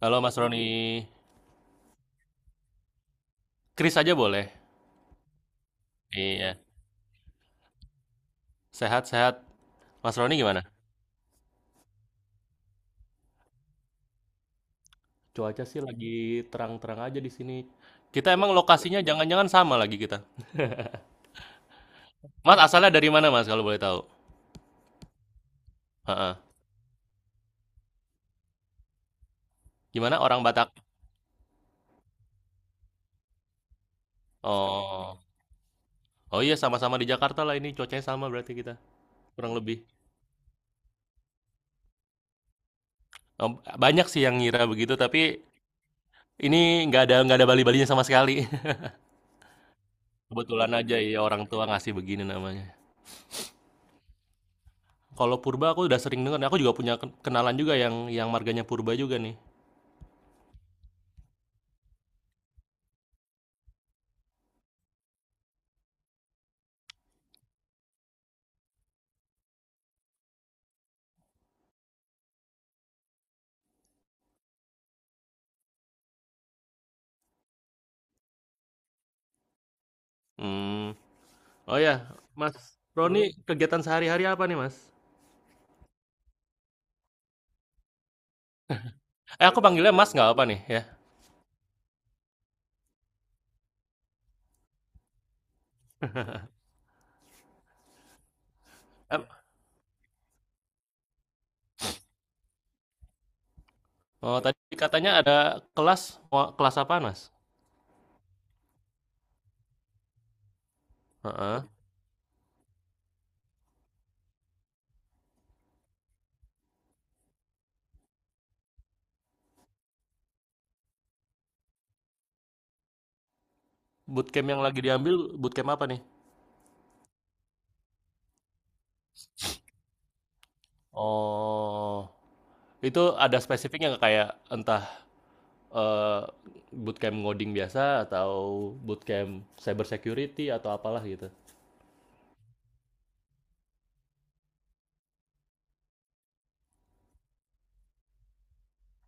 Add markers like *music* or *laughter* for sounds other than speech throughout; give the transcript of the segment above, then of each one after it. Halo Mas Roni, Kris aja boleh. Iya, sehat-sehat. Mas Roni gimana? Cuaca sih lagi terang-terang aja di sini. Kita emang lokasinya jangan-jangan sama lagi kita. Mas asalnya dari mana Mas kalau boleh tahu? Heeh. Gimana orang Batak? Oh, oh iya sama-sama di Jakarta lah ini cuacanya sama berarti kita kurang lebih. Oh, banyak sih yang ngira begitu tapi ini nggak ada bali-balinya sama sekali. *laughs* Kebetulan aja ya orang tua ngasih begini namanya. Kalau purba aku udah sering dengar. Aku juga punya kenalan juga yang marganya purba juga nih. Hmm, oh ya, Mas Roni kegiatan sehari-hari apa nih, Mas? Eh, aku panggilnya Mas nggak apa nih ya? Mmm, oh tadi katanya ada kelas, mau kelas apa, Mas? Heeh, bootcamp yang lagi diambil bootcamp apa nih? Oh, itu ada spesifiknya nggak kayak entah, eee, bootcamp ngoding biasa atau bootcamp cyber security atau apalah gitu?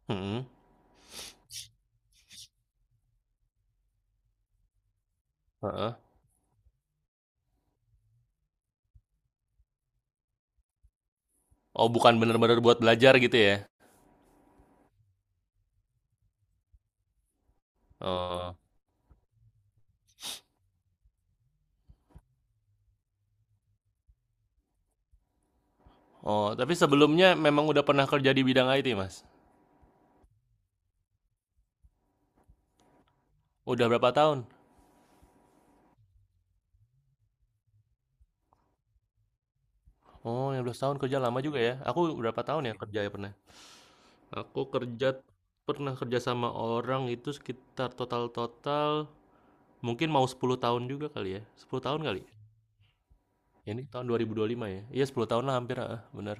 Hmm, heeh. Oh bukan bener-bener buat belajar gitu ya? Oh, oh tapi sebelumnya memang udah pernah kerja di bidang IT, Mas? Udah berapa tahun? Oh, 15 tahun kerja lama juga ya. Aku berapa tahun ya kerja ya pernah? Aku kerja pernah kerja sama orang itu sekitar total-total mungkin mau 10 tahun juga kali ya. 10 tahun kali. Ini tahun 2025 ya. Iya 10 tahun lah hampir, ah, benar.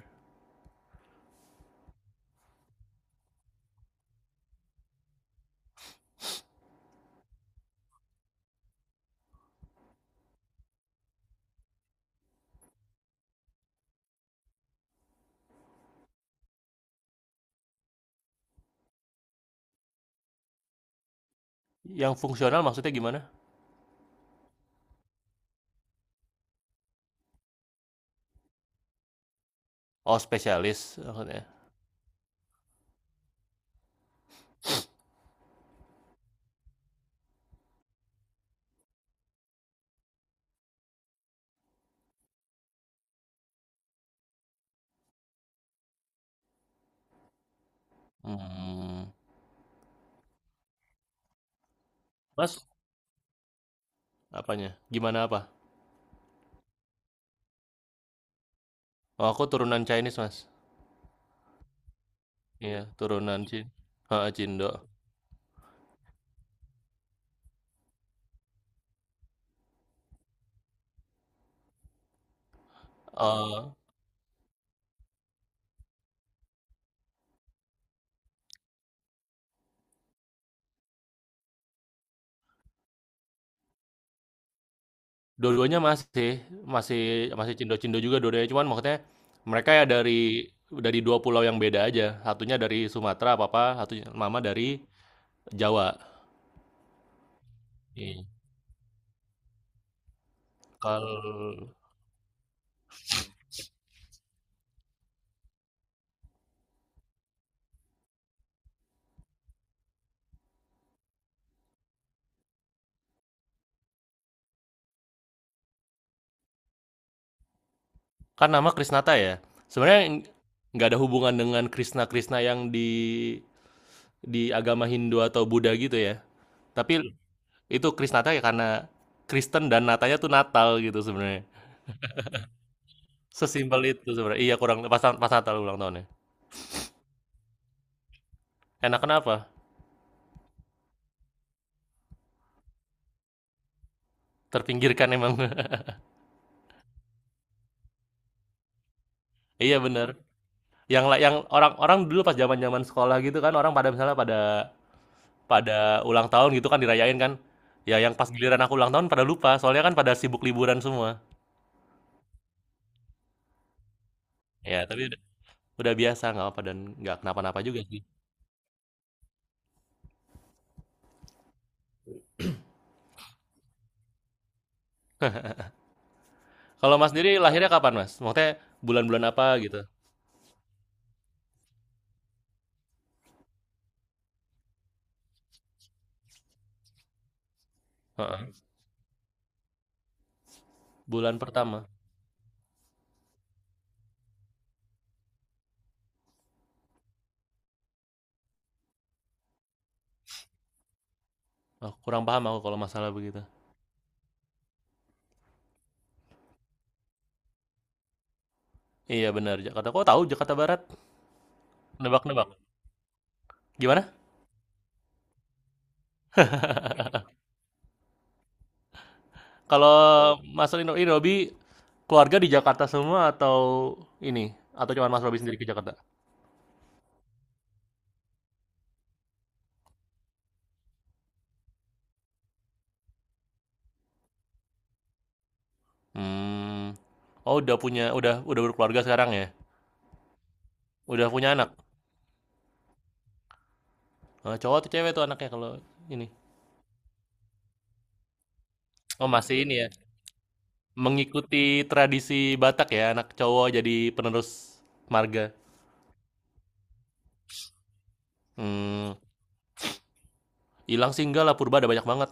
Yang fungsional maksudnya gimana? Oh, spesialis maksudnya. Hmm. Mas, apanya? Gimana apa? Oh, aku turunan Chinese, Mas. Iya, turunan Cina. Cindo. Dua-duanya masih masih masih cindo-cindo juga dua-duanya, cuman maksudnya mereka ya dari dua pulau yang beda aja. Satunya dari Sumatera papa, satunya mama dari Jawa. Iya. Kalau kan nama Krisnata ya. Sebenarnya nggak ada hubungan dengan Krishna-Krishna yang di agama Hindu atau Buddha gitu ya. Tapi itu Krisnata ya karena Kristen dan Natanya tuh Natal gitu sebenarnya. Sesimpel itu sebenarnya. Iya kurang pas pas Natal ulang tahunnya. Enak kenapa? Terpinggirkan emang. *laughs* Iya bener. Yang orang-orang dulu pas zaman-zaman sekolah gitu kan, orang pada misalnya pada pada ulang tahun gitu kan dirayain kan. Ya yang pas giliran aku ulang tahun pada lupa, soalnya kan pada sibuk liburan semua. Ya, udah biasa nggak apa dan nggak kenapa-napa juga sih. Kalau Mas sendiri lahirnya kapan Mas? Maksudnya bulan-bulan apa gitu? Heeh. Bulan pertama. Oh, kurang paham aku kalau masalah begitu. Iya benar Jakarta. Kok tahu Jakarta Barat? Nebak-nebak. Gimana? Kalau Mas Rino, ini Robi keluarga di Jakarta semua atau ini? Atau cuma Mas Robi sendiri ke Jakarta? Mmm. Oh, udah udah berkeluarga sekarang ya? Udah punya anak? Cowok atau cewek tuh anaknya kalau ini? Oh, masih ini ya, mengikuti tradisi Batak ya, anak cowok jadi penerus marga. Mmm, ilang sih enggak lah, purba ada banyak banget.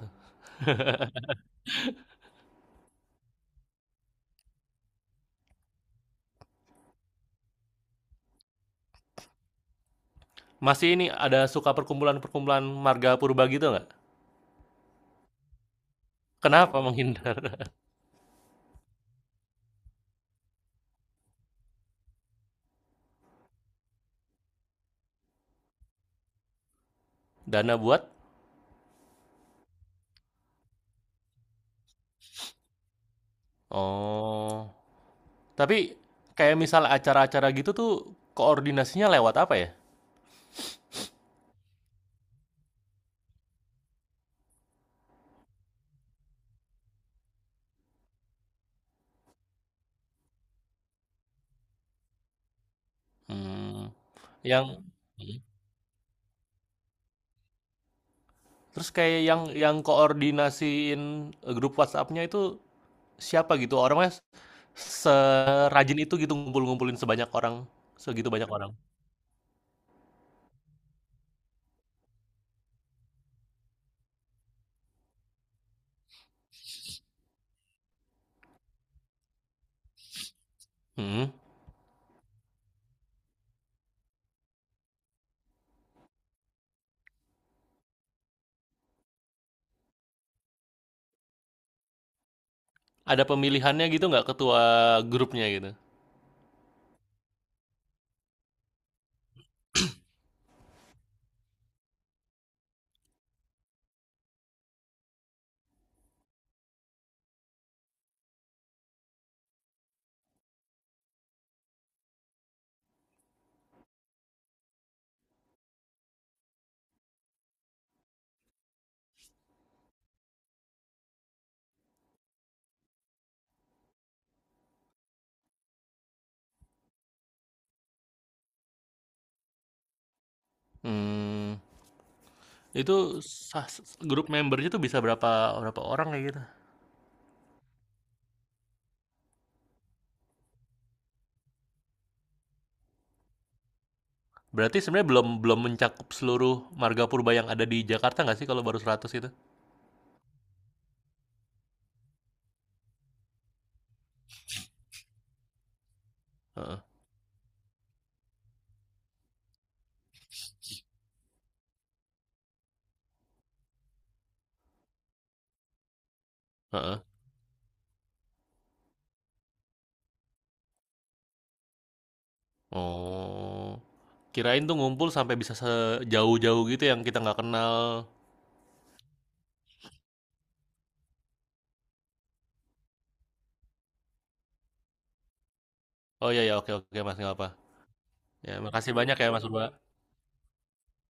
Masih ini, ada suka perkumpulan-perkumpulan marga purba gitu nggak? Kenapa menghindar? *laughs* Dana buat? Oh, tapi kayak misal acara-acara gitu tuh koordinasinya lewat apa ya? Mmm, yang mhm. Terus kayak yang koordinasiin, grup WhatsApp-nya itu siapa gitu? Orangnya s serajin itu gitu ngumpul-ngumpulin sebanyak orang segitu banyak orang? Mhm. Ada pemilihannya gitu nggak ketua grupnya gitu? Mmm, itu sah s grup membernya tuh bisa berapa berapa orang kayak gitu? Berarti sebenarnya belum belum mencakup seluruh marga purba yang ada di Jakarta nggak sih kalau baru 100 itu? Heeh, heeh. Oh, kirain tuh ngumpul sampai bisa sejauh-jauh gitu yang kita nggak kenal. Oh, iya, ya, oke oke Mas, nggak apa. Ya makasih banyak ya Mas Purba.